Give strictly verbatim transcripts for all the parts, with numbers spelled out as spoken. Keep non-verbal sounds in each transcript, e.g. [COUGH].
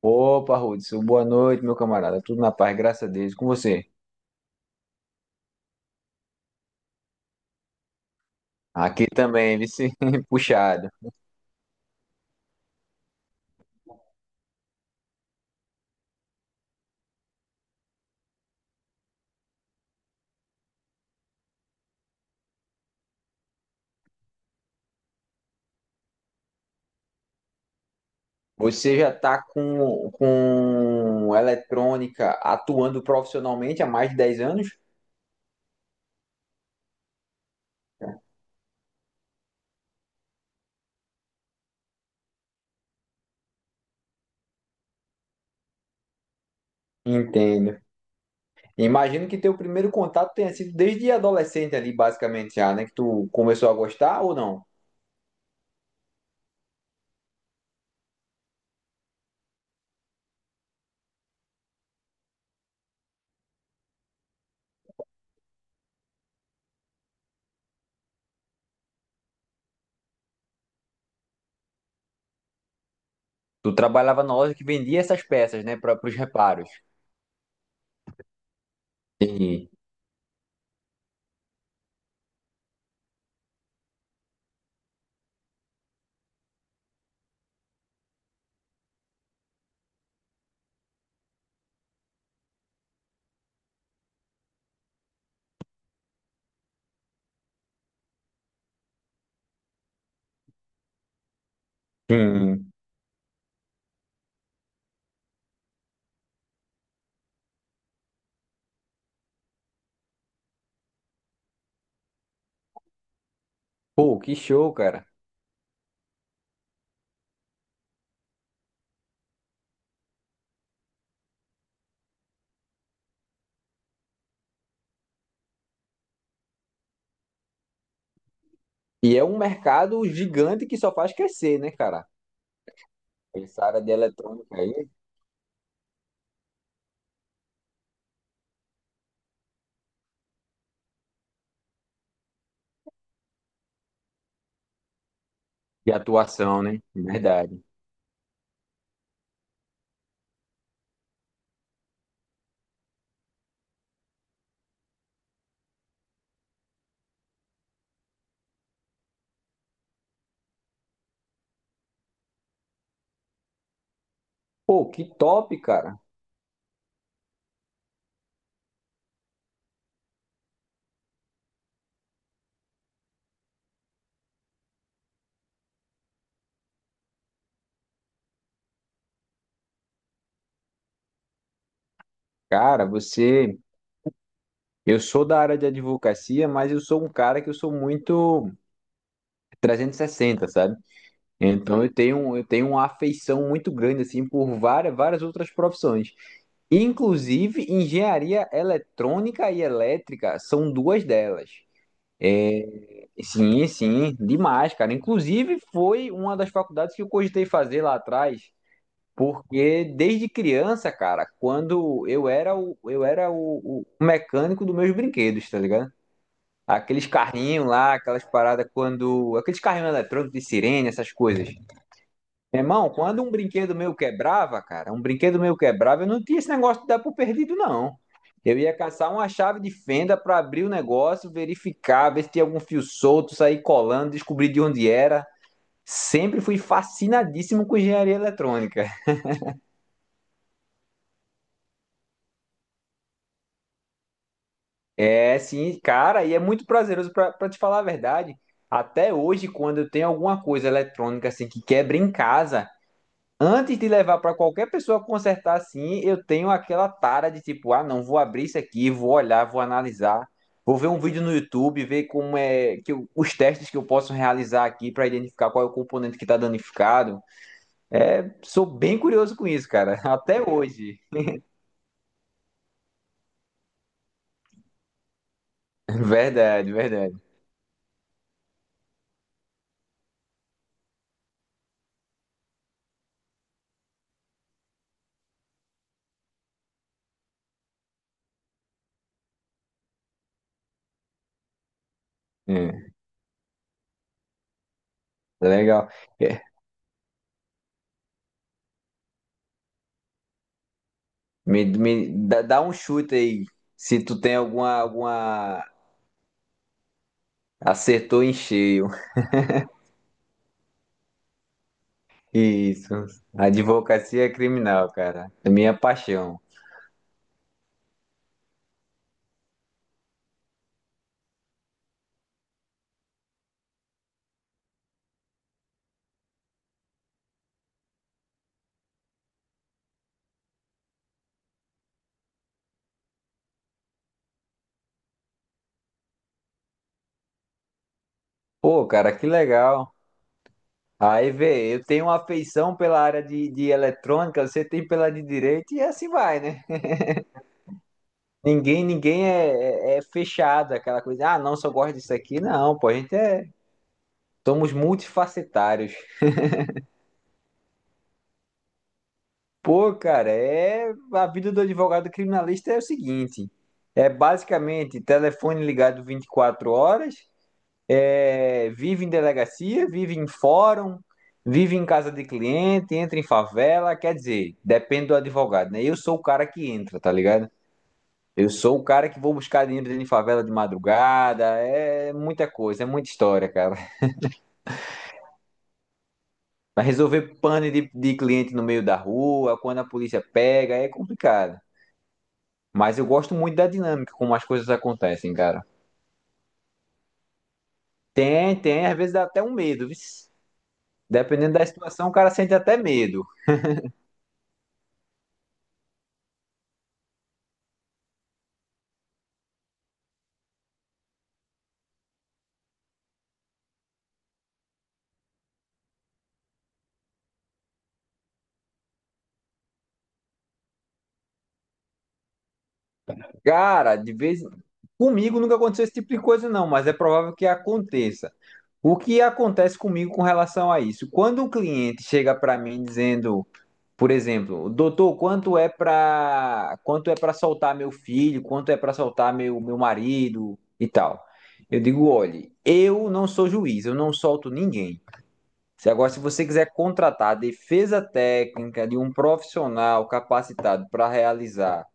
Opa, Hudson, boa noite, meu camarada. Tudo na paz, graças a Deus. E com você? Aqui também, vice [LAUGHS] puxado. Você já está com, com eletrônica atuando profissionalmente há mais de dez anos? Entendo. Imagino que teu primeiro contato tenha sido desde adolescente ali, basicamente já, né? Que tu começou a gostar ou não? Tu trabalhava na loja que vendia essas peças, né, para os reparos. Entendi. Sim. Pô, que show, cara. E é um mercado gigante que só faz crescer, né, cara? Essa área de eletrônica aí, de atuação, né? Verdade. Pô, que top, cara. Cara, você. Eu sou da área de advocacia, mas eu sou um cara que eu sou muito trezentos e sessenta, sabe? Então eu tenho, eu tenho uma afeição muito grande, assim, por várias, várias outras profissões. Inclusive, engenharia eletrônica e elétrica são duas delas. Sim, sim, demais, cara. Inclusive, foi uma das faculdades que eu cogitei fazer lá atrás. Porque desde criança, cara, quando eu era o, eu era o, o mecânico dos meus brinquedos, tá ligado? Aqueles carrinhos lá, aquelas paradas quando. Aqueles carrinhos eletrônicos de sirene, essas coisas. Meu irmão, quando um brinquedo meu quebrava, cara, um brinquedo meu quebrava, eu não tinha esse negócio de dar por perdido, não. Eu ia caçar uma chave de fenda pra abrir o negócio, verificar, ver se tinha algum fio solto, sair colando, descobrir de onde era. Sempre fui fascinadíssimo com engenharia eletrônica. É sim, cara, e é muito prazeroso pra pra te falar a verdade. Até hoje, quando eu tenho alguma coisa eletrônica assim que quebra em casa, antes de levar pra qualquer pessoa consertar assim, eu tenho aquela tara de tipo, ah, não, vou abrir isso aqui, vou olhar, vou analisar, vou ver um vídeo no YouTube, ver como é que eu- os testes que eu posso realizar aqui pra identificar qual é o componente que tá danificado. É, sou bem curioso com isso, cara, [LAUGHS] até hoje. Verdade, verdade. É, legal. Me, me dá, dá um chute aí. Se tu tem alguma, alguma. Acertou em cheio. [LAUGHS] Isso. Advocacia criminal, cara. É minha paixão. Pô, cara, que legal. Aí vê, eu tenho uma afeição pela área de, de eletrônica, você tem pela de direito e assim vai, né? Ninguém, ninguém é, é, é fechado, aquela coisa, ah, não, só gosto disso aqui. Não, pô, a gente é. Somos multifacetários. Pô, cara, é a vida do advogado criminalista é o seguinte: é basicamente telefone ligado vinte e quatro horas, é, vive em delegacia, vive em fórum, vive em casa de cliente, entra em favela, quer dizer, depende do advogado, né? Eu sou o cara que entra, tá ligado? Eu sou o cara que vou buscar dinheiro dentro de favela de madrugada, é muita coisa, é muita história, cara. Vai resolver pane de, de cliente no meio da rua, quando a polícia pega, é complicado. Mas eu gosto muito da dinâmica como as coisas acontecem, cara. Tem, tem, às vezes dá até um medo, vixe. Dependendo da situação, o cara sente até medo. Cara, de vez comigo nunca aconteceu esse tipo de coisa não, mas é provável que aconteça. O que acontece comigo com relação a isso? Quando o cliente chega para mim dizendo, por exemplo, doutor, quanto é para quanto é para soltar meu filho, quanto é para soltar meu meu marido e tal. Eu digo, olhe, eu não sou juiz, eu não solto ninguém. Se agora, se você quiser contratar a defesa técnica de um profissional capacitado para realizar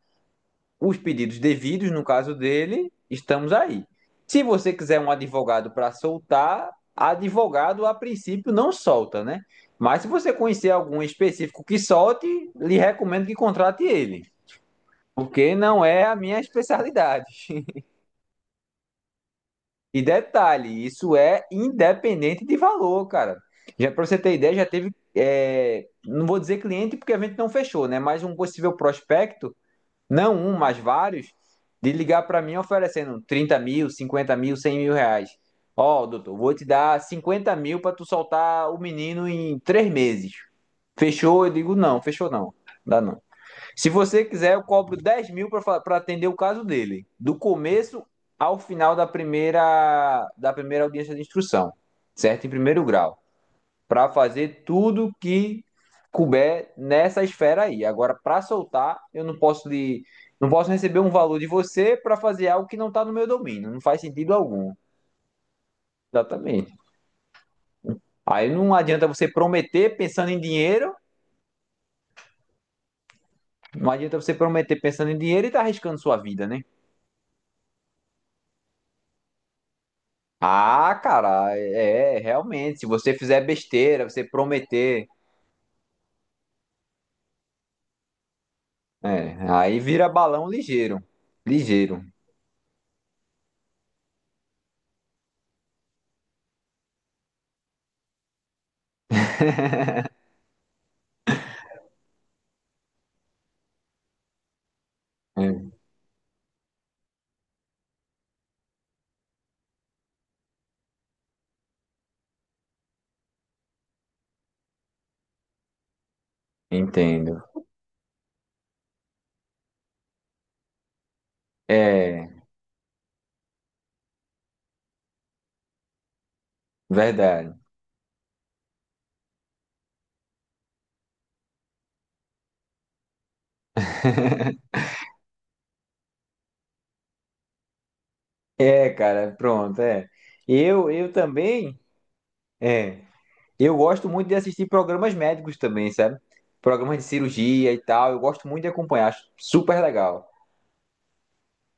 os pedidos devidos, no caso dele, estamos aí. Se você quiser um advogado para soltar, advogado a princípio não solta, né? Mas se você conhecer algum específico que solte, lhe recomendo que contrate ele, porque não é a minha especialidade. E detalhe, isso é independente de valor, cara. Já para você ter ideia, já teve, é, não vou dizer cliente porque a gente não fechou, né? Mas um possível prospecto, não um, mas vários, de ligar para mim oferecendo trinta mil, cinquenta mil, cem mil reais. Ó, doutor, vou te dar cinquenta mil para tu soltar o menino em três meses. Fechou? Eu digo, não, fechou não. Dá não. Se você quiser, eu cobro dez mil para atender o caso dele, do começo ao final da primeira, da primeira audiência de instrução, certo? Em primeiro grau, para fazer tudo que couber nessa esfera aí. Agora, para soltar, eu não posso de, não posso receber um valor de você para fazer algo que não está no meu domínio, não faz sentido algum. Exatamente. Aí não adianta você prometer pensando em dinheiro, não adianta você prometer pensando em dinheiro e tá arriscando sua vida, né? Ah, cara, é, é, realmente, se você fizer besteira, você prometer, é, aí vira balão ligeiro, ligeiro. [LAUGHS] É, entendo. É, verdade. [LAUGHS] É, cara, pronto, é. Eu, eu também, é, eu gosto muito de assistir programas médicos também, sabe? Programas de cirurgia e tal, eu gosto muito de acompanhar, acho super legal.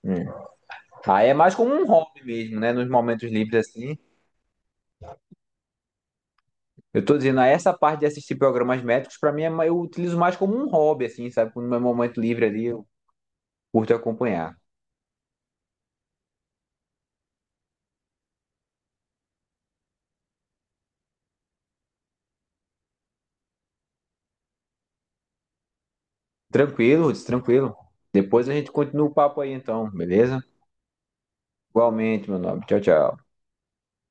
Hum. Aí é mais como um hobby mesmo, né? Nos momentos livres assim. Eu tô dizendo, ah, essa parte de assistir programas médicos, pra mim, é ma- eu utilizo mais como um hobby, assim, sabe? No meu momento livre ali, eu curto acompanhar. Tranquilo, Ruth, tranquilo. Depois a gente continua o papo aí, então, beleza? Igualmente, meu nome. Tchau, tchau.